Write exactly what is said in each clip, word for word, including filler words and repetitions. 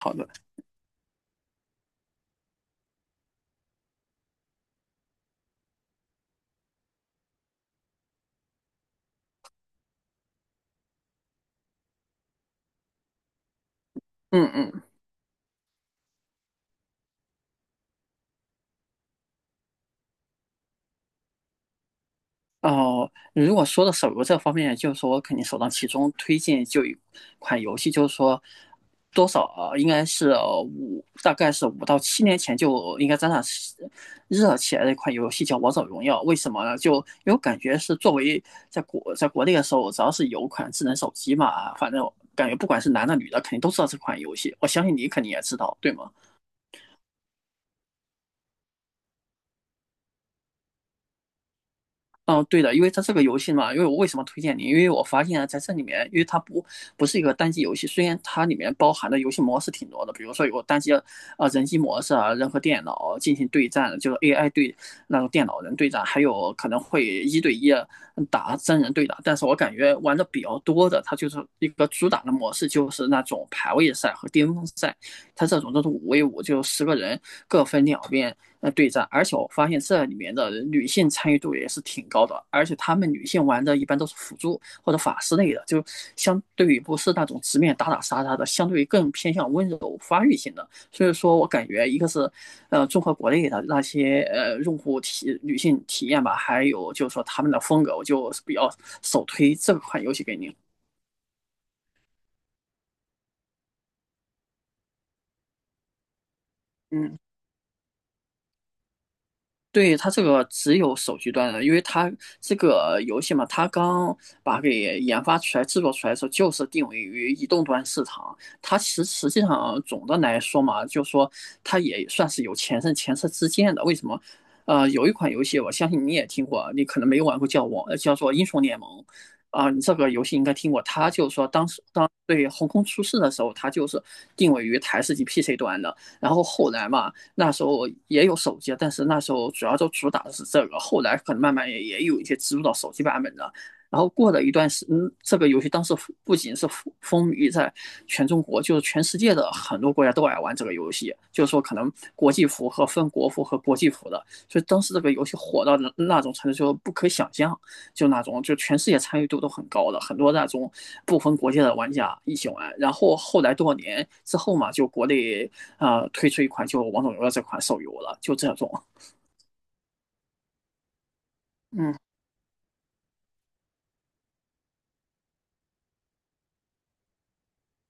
好的。嗯嗯，哦、呃如果说到手游这方面，就是说我肯定首当其冲推荐就一款游戏，就是说多少啊，应该是呃五，大概是五到七年前就应该沾上热起来的一款游戏叫《王者荣耀》。为什么呢？就因为我感觉是作为在国在国内的时候，只要是有款智能手机嘛，反正感觉不管是男的女的，肯定都知道这款游戏。我相信你肯定也知道，对吗？嗯，对的，因为它这个游戏嘛，因为我为什么推荐你？因为我发现啊，在这里面，因为它不不是一个单机游戏，虽然它里面包含的游戏模式挺多的，比如说有单机啊呃人机模式啊，人和电脑进行对战，就是 A I 对那种电脑人对战，还有可能会一对一打真人对打。但是我感觉玩的比较多的，它就是一个主打的模式，就是那种排位赛和巅峰赛，它这种都是五 v 五，就十个人各分两边，呃对战，而且我发现这里面的女性参与度也是挺高的，而且她们女性玩的一般都是辅助或者法师类的，就相对于不是那种直面打打杀杀的，相对于更偏向温柔发育型的。所以说我感觉一个是，呃，综合国内的那些呃用户体女性体验吧，还有就是说他们的风格，我就比较首推这款游戏给您。嗯，对，它这个只有手机端的，因为它这个游戏嘛，它刚把它给研发出来、制作出来的时候，就是定位于移动端市场。它实实际上总的来说嘛，就说它也算是有前车前车之鉴的。为什么？呃，有一款游戏，我相信你也听过，你可能没有玩过，叫我叫做《英雄联盟》啊，你这个游戏应该听过。它就是说当时当对横空出世的时候，它就是定位于台式机 P C 端的，然后后来嘛。那时候也有手机，但是那时候主要就主打的是这个，后来可能慢慢也也有一些植入到手机版本的。然后过了一段时间，嗯，这个游戏当时不仅是风靡在全中国，就是全世界的很多国家都爱玩这个游戏。就是说，可能国际服和分国服和国际服的，所以当时这个游戏火到那种程度，就不可想象。就那种就全世界参与度都很高的，很多那种不分国界的玩家一起玩。然后后来多少年之后嘛，就国内啊、呃推出一款就《王者荣耀》这款手游了，就这种。嗯，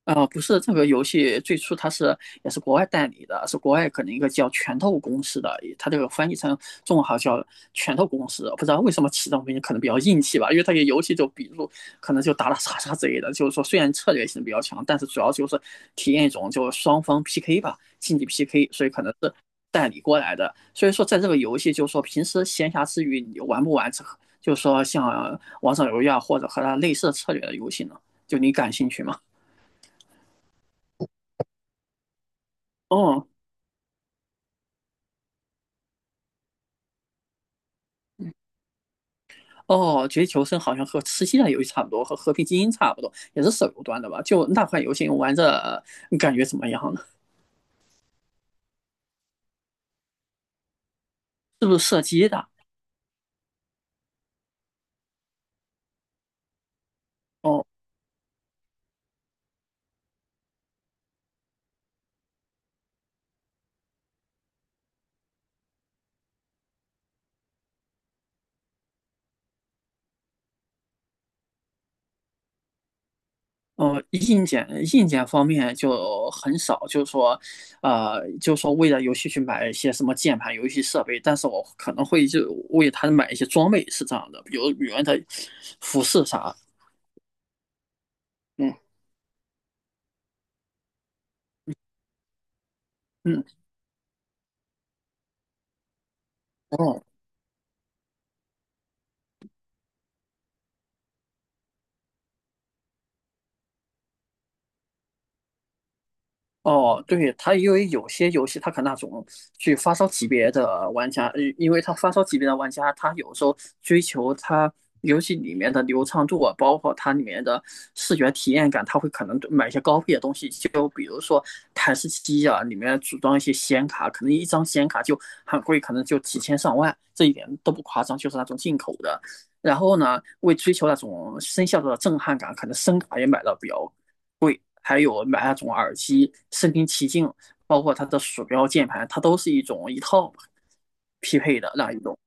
啊，不是这个游戏最初它是也是国外代理的，是国外可能一个叫拳头公司的，它这个翻译成中文好像叫拳头公司，不知道为什么起这种名字可能比较硬气吧，因为它这游戏就比如可能就打打杀杀之类的，就是说虽然策略性比较强，但是主要就是体验一种就是双方 P K 吧，竞技 P K,所以可能是代理过来的，所以说在这个游戏就是说平时闲暇之余你玩不玩这，个，就是说像王者荣耀或者和它类似的策略的游戏呢，就你感兴趣吗？哦，嗯。哦，绝地求生好像和吃鸡的游戏差不多，和和平精英差不多，也是手游端的吧？就那款游戏玩着你感觉怎么样呢？是不是射击的？哦。哦，硬件硬件方面就很少，就是说，呃，就是说为了游戏去买一些什么键盘、游戏设备，但是我可能会就为他买一些装备，是这样的，比如女人的服饰啥，嗯。嗯，哦。哦，对，它因为有些游戏它可能那种去发烧级别的玩家，呃因为他发烧级别的玩家，他有时候追求他游戏里面的流畅度啊，包括它里面的视觉体验感，他会可能买一些高配的东西，就比如说台式机啊，里面组装一些显卡，可能一张显卡就很贵，可能就几千上万，这一点都不夸张，就是那种进口的。然后呢，为追求那种声效的震撼感，可能声卡也买的比较还有买那种耳机，身临其境，包括它的鼠标、键盘，它都是一种一套匹配的那一种。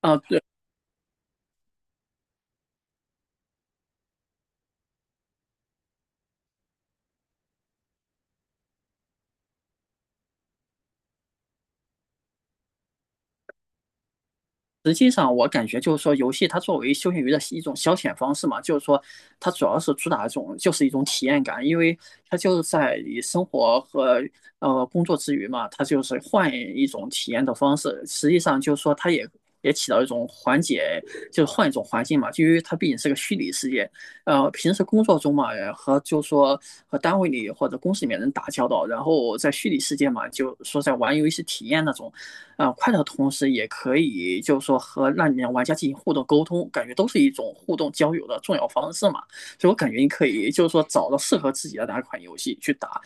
啊、对。实际上，我感觉就是说，游戏它作为休闲娱乐一种消遣方式嘛，就是说，它主要是主打一种就是一种体验感，因为它就是在你生活和呃工作之余嘛，它就是换一种体验的方式。实际上就是说，它也也起到一种缓解，就是换一种环境嘛，就因为它毕竟是个虚拟世界。呃，平时工作中嘛，呃和就是说和单位里或者公司里面人打交道，然后在虚拟世界嘛，就说在玩游戏体验那种啊、呃快乐的同时，也可以就是说和那里面玩家进行互动沟通，感觉都是一种互动交友的重要方式嘛。所以我感觉你可以就是说找到适合自己的哪款游戏去打，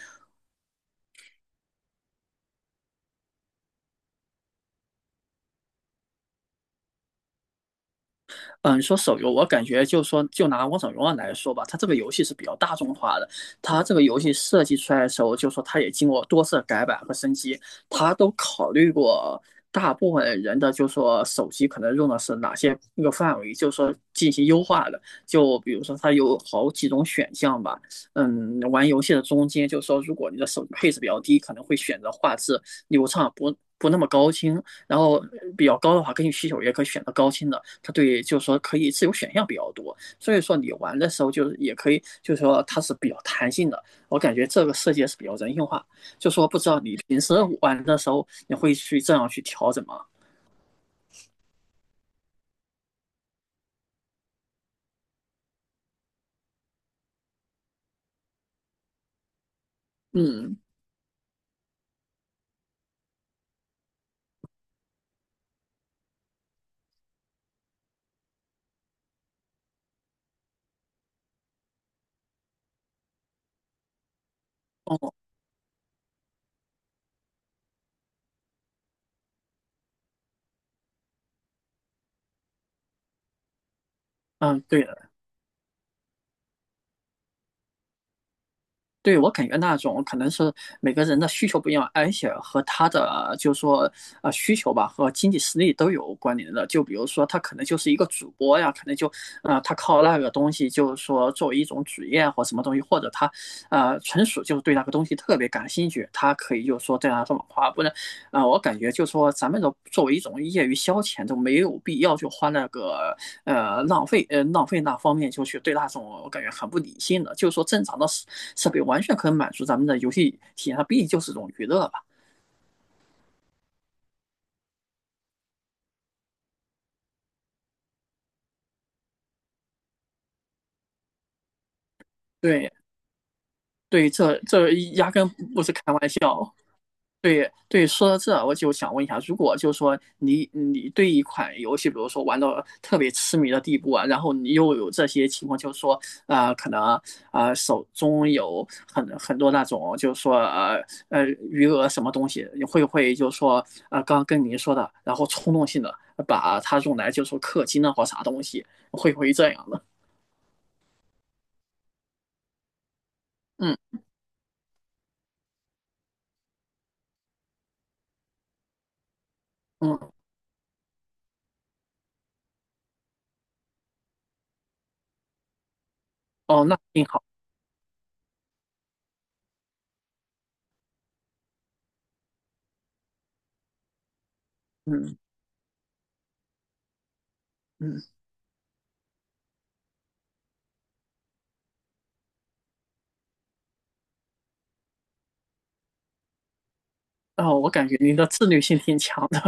嗯，说手游，我感觉就说就拿《王者荣耀》来说吧，它这个游戏是比较大众化的。它这个游戏设计出来的时候，就说它也经过多次改版和升级，它都考虑过大部分人的，就说手机可能用的是哪些那个范围，就说进行优化的。就比如说它有好几种选项吧，嗯，玩游戏的中间，就说如果你的手机配置比较低，可能会选择画质流畅不。不那么高清，然后比较高的话，根据需求也可以选择高清的；它对就是说可以自由选项比较多，所以说你玩的时候就是也可以，就是说它是比较弹性的。我感觉这个设计是比较人性化，就说不知道你平时玩的时候你会去这样去调整吗？嗯，哦，嗯，对的，对，我感觉那种可能是每个人的需求不一样，而且和他的就是说呃需求吧和经济实力都有关联的。就比如说他可能就是一个主播呀，可能就呃他靠那个东西就是说作为一种职业或什么东西，或者他呃纯属就是对那个东西特别感兴趣，他可以就是说这样上网发布啊、呃我感觉就是说咱们的作为一种业余消遣，就没有必要就花那个呃浪费呃浪费那方面就去对那种我感觉很不理性的，就是说正常的设设备完全可以满足咱们的游戏体验，它毕竟就是一种娱乐吧。对。对，这这压根不是开玩笑。对，对，说到这，我就想问一下，如果就是说你你对一款游戏，比如说玩到特别痴迷的地步啊，然后你又有这些情况，就是说，呃，可能呃手中有很很多那种，就是说呃呃余额什么东西，你会不会就是说啊，刚刚跟您说的，然后冲动性的把它用来就是说氪金啊或啥东西，会不会这样呢？嗯。嗯，哦，那挺好。嗯。嗯，哦，我感觉您的自律性挺强的。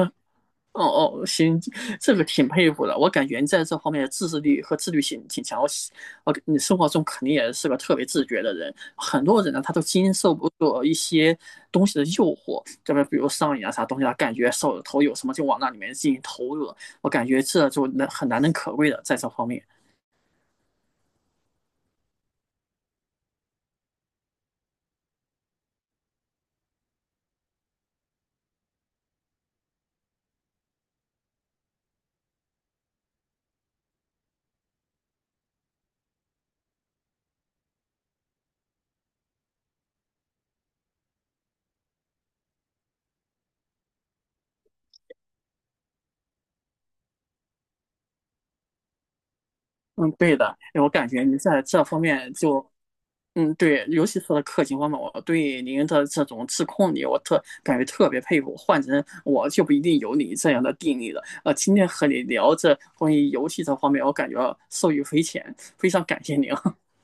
哦。哦，行，这个挺佩服的。我感觉你在这方面的自制力和自律性挺强。我喜，我你生活中肯定也是个特别自觉的人。很多人呢，他都经受不住一些东西的诱惑，这边比如上瘾啊啥东西啊，他感觉手里头有什么就往那里面进行投入了。我感觉这就难很难能可贵的在这方面。嗯，对的，我感觉你在这方面就嗯。对，尤其是氪金方面，我对您的这种自控力，我特感觉特别佩服。换成我就不一定有你这样的定力了。呃，今天和你聊这关于游戏这方面，我感觉受益匪浅，非常感谢您。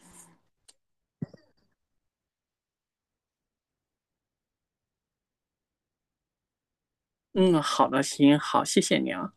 嗯，好的，行，好，谢谢您啊。